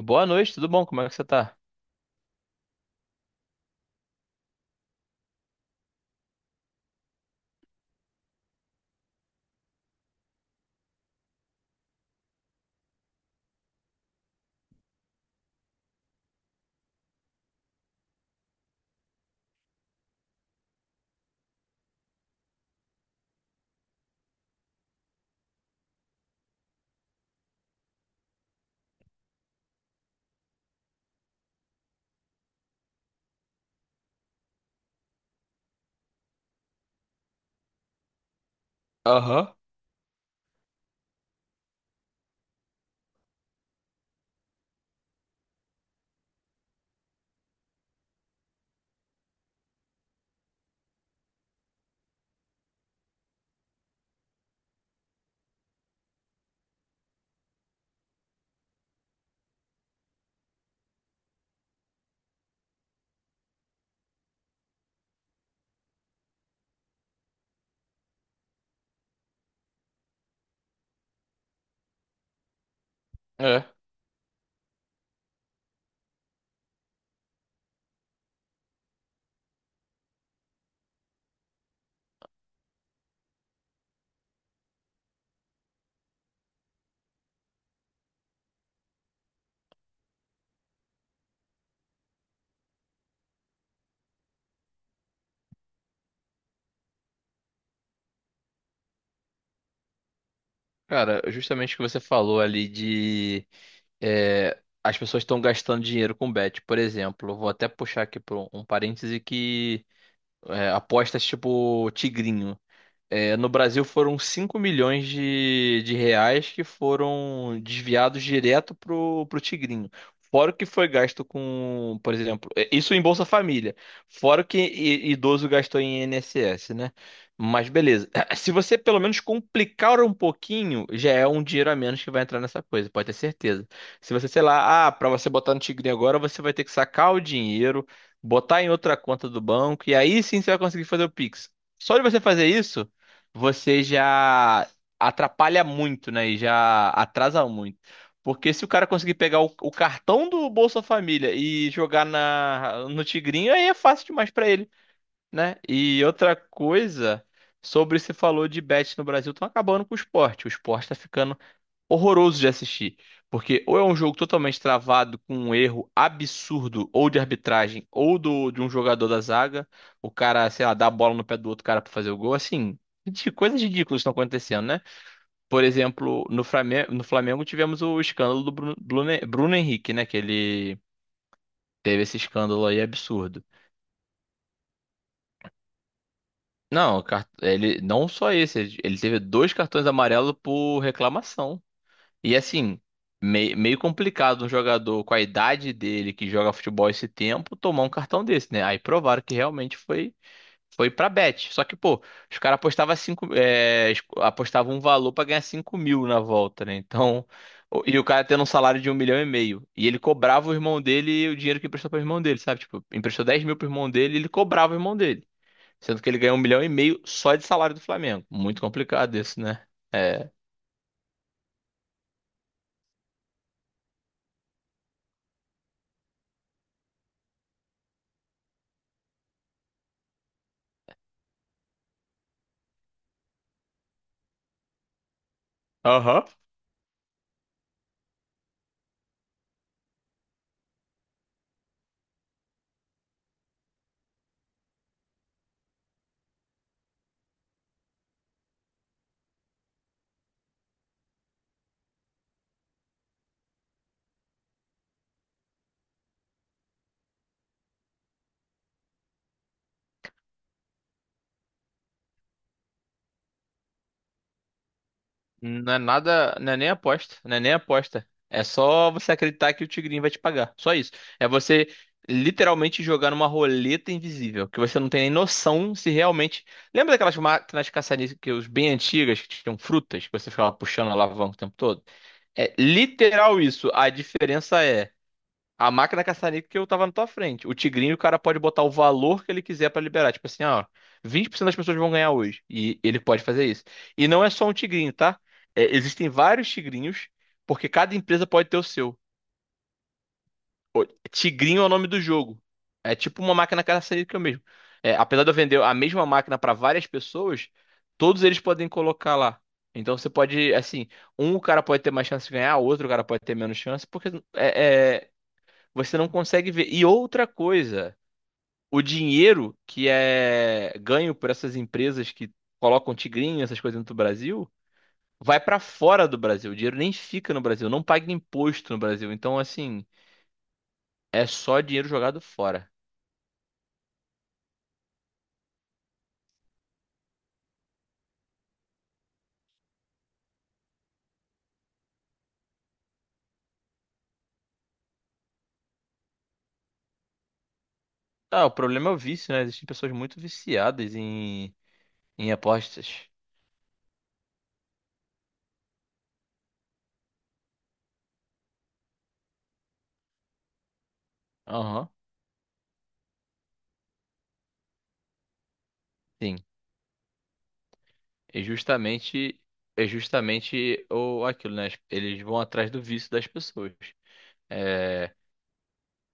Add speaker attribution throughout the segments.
Speaker 1: Boa noite, tudo bom? Como é que você tá? Aham, é. Cara, justamente o que você falou ali de as pessoas estão gastando dinheiro com bet, por exemplo. Eu vou até puxar aqui para um parêntese que apostas tipo tigrinho. É, no Brasil foram 5 milhões de reais que foram desviados direto pro Tigrinho. Fora o que foi gasto com, por exemplo, isso em Bolsa Família. Fora o que idoso gastou em INSS, né? Mas beleza. Se você pelo menos complicar um pouquinho, já é um dinheiro a menos que vai entrar nessa coisa, pode ter certeza. Se você, sei lá, ah, para você botar no Tigrinho agora, você vai ter que sacar o dinheiro, botar em outra conta do banco, e aí sim você vai conseguir fazer o Pix. Só de você fazer isso você já atrapalha muito, né? E já atrasa muito. Porque se o cara conseguir pegar o cartão do Bolsa Família e jogar no Tigrinho, aí é fácil demais pra ele, né? E outra coisa, sobre se falou de bet no Brasil, estão acabando com o esporte. O esporte tá ficando horroroso de assistir. Porque ou é um jogo totalmente travado com um erro absurdo, ou de arbitragem, ou de um jogador da zaga, o cara, sei lá, dá a bola no pé do outro cara pra fazer o gol, assim, de coisas ridículas estão acontecendo, né? Por exemplo, no Flamengo, no Flamengo tivemos o escândalo do Bruno Henrique, né? Que ele teve esse escândalo aí absurdo. Não, ele não só esse, ele teve dois cartões amarelos por reclamação. E assim, meio complicado um jogador com a idade dele que joga futebol esse tempo tomar um cartão desse, né? Aí provaram que realmente foi pra bet. Só que, pô, os caras apostavam cinco, apostavam um valor pra ganhar 5 mil na volta, né? Então, e o cara tendo um salário de 1,5 milhão. E ele cobrava o irmão dele o dinheiro que emprestou pro irmão dele, sabe? Tipo, emprestou 10 mil pro irmão dele e ele cobrava o irmão dele. Sendo que ele ganhou 1,5 milhão só de salário do Flamengo. Muito complicado isso, né? É. Aham. Não é nada, não é nem aposta, não é nem aposta. É só você acreditar que o Tigrinho vai te pagar. Só isso. É você literalmente jogar numa roleta invisível, que você não tem nem noção se realmente. Lembra daquelas máquinas caça-níqueis bem antigas que tinham frutas, que você ficava puxando a alavanca o tempo todo? É literal isso. A diferença é. A máquina caça-níquel que eu tava na tua frente. O Tigrinho, o cara pode botar o valor que ele quiser pra liberar. Tipo assim, ó, 20% das pessoas vão ganhar hoje. E ele pode fazer isso. E não é só um Tigrinho, tá? É, existem vários Tigrinhos, porque cada empresa pode ter o seu. Tigrinho é o nome do jogo. É tipo uma máquina caça-níquel mesmo. É, apesar de eu vender a mesma máquina pra várias pessoas, todos eles podem colocar lá. Então você pode, assim, um cara pode ter mais chance de ganhar, outro cara pode ter menos chance, porque é, é, você não consegue ver. E outra coisa, o dinheiro que é ganho por essas empresas que colocam tigrinho, essas coisas no Brasil, vai para fora do Brasil. O dinheiro nem fica no Brasil, não paga imposto no Brasil. Então, assim, é só dinheiro jogado fora. Ah, o problema é o vício, né? Existem pessoas muito viciadas em apostas. Aham, sim. É justamente, é justamente o, aquilo, né? Eles vão atrás do vício das pessoas. É,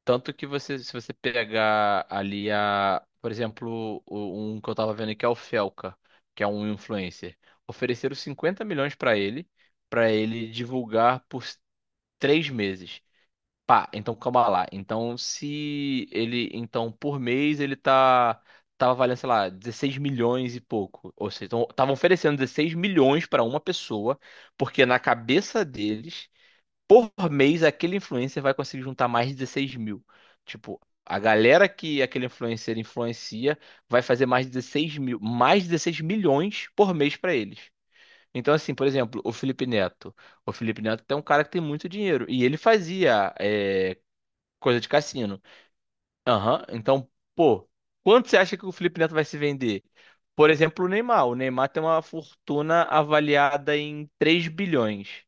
Speaker 1: tanto que você, se você pegar ali a, por exemplo, um que eu tava vendo que é o Felca, que é um influencer, ofereceram 50 milhões pra ele divulgar por 3 meses. Pá, então calma lá. Então se ele, então por mês ele tava valendo, sei lá, 16 milhões e pouco. Ou seja, então estavam oferecendo 16 milhões pra uma pessoa, porque na cabeça deles por mês aquele influencer vai conseguir juntar mais de 16 mil. Tipo, a galera que aquele influencer influencia vai fazer mais de 16 mil, mais de 16 milhões por mês para eles. Então, assim, por exemplo, o Felipe Neto. O Felipe Neto é um cara que tem muito dinheiro. E ele fazia coisa de cassino. Aham. Então, pô, quanto você acha que o Felipe Neto vai se vender? Por exemplo, o Neymar. O Neymar tem uma fortuna avaliada em 3 bilhões.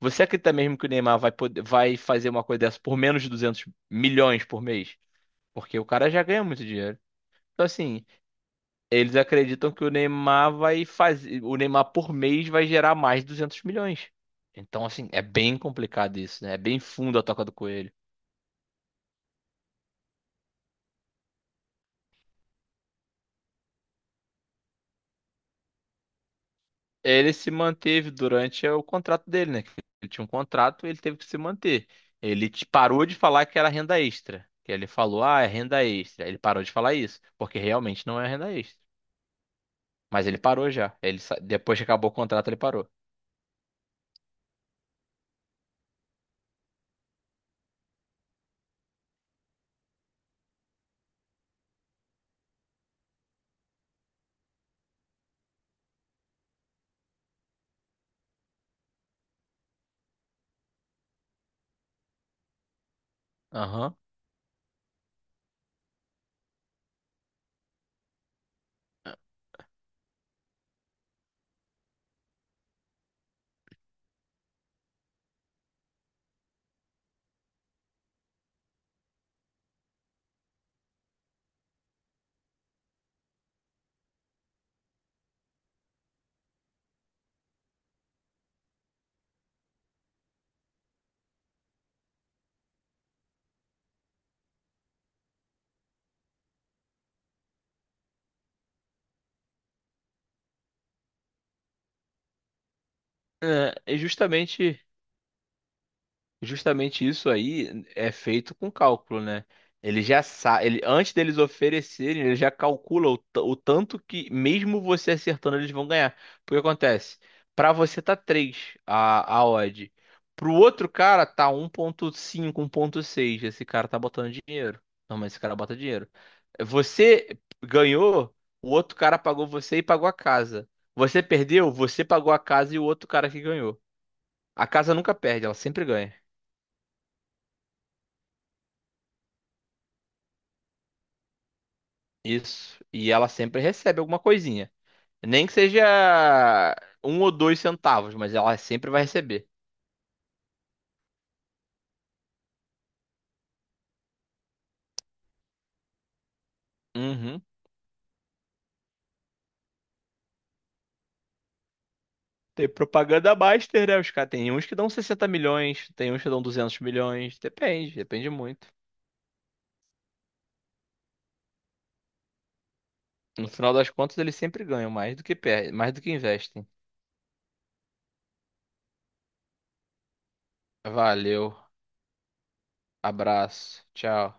Speaker 1: Você acredita mesmo que o Neymar vai poder, vai fazer uma coisa dessa por menos de 200 milhões por mês? Porque o cara já ganha muito dinheiro. Então, assim, eles acreditam que o Neymar vai fazer, o Neymar por mês vai gerar mais de 200 milhões. Então, assim, é bem complicado isso, né? É bem fundo a toca do coelho. Ele se manteve durante o contrato dele, né? Ele tinha um contrato, ele teve que se manter. Ele parou de falar que era renda extra. Que ele falou, ah, é renda extra. Ele parou de falar isso, porque realmente não é renda extra. Mas ele parou já. Ele, depois que acabou o contrato, ele parou. Aham. É, e justamente. Justamente isso aí é feito com cálculo, né? Ele já sabe, ele, antes deles oferecerem, ele já calcula o tanto que, mesmo você acertando, eles vão ganhar. Porque acontece, para você tá 3 a odd, pro outro cara tá 1.5 1.6 Esse cara tá botando dinheiro. Não, mas esse cara bota dinheiro. Você ganhou, o outro cara pagou você e pagou a casa. Você perdeu, você pagou a casa e o outro cara que ganhou. A casa nunca perde, ela sempre ganha. Isso. E ela sempre recebe alguma coisinha. Nem que seja um ou dois centavos, mas ela sempre vai receber. Uhum. Tem propaganda master, né? Os caras tem uns que dão 60 milhões, tem uns que dão 200 milhões. Depende, depende muito. No final das contas, eles sempre ganham mais do que perdem, mais do que investem. Valeu, abraço, tchau.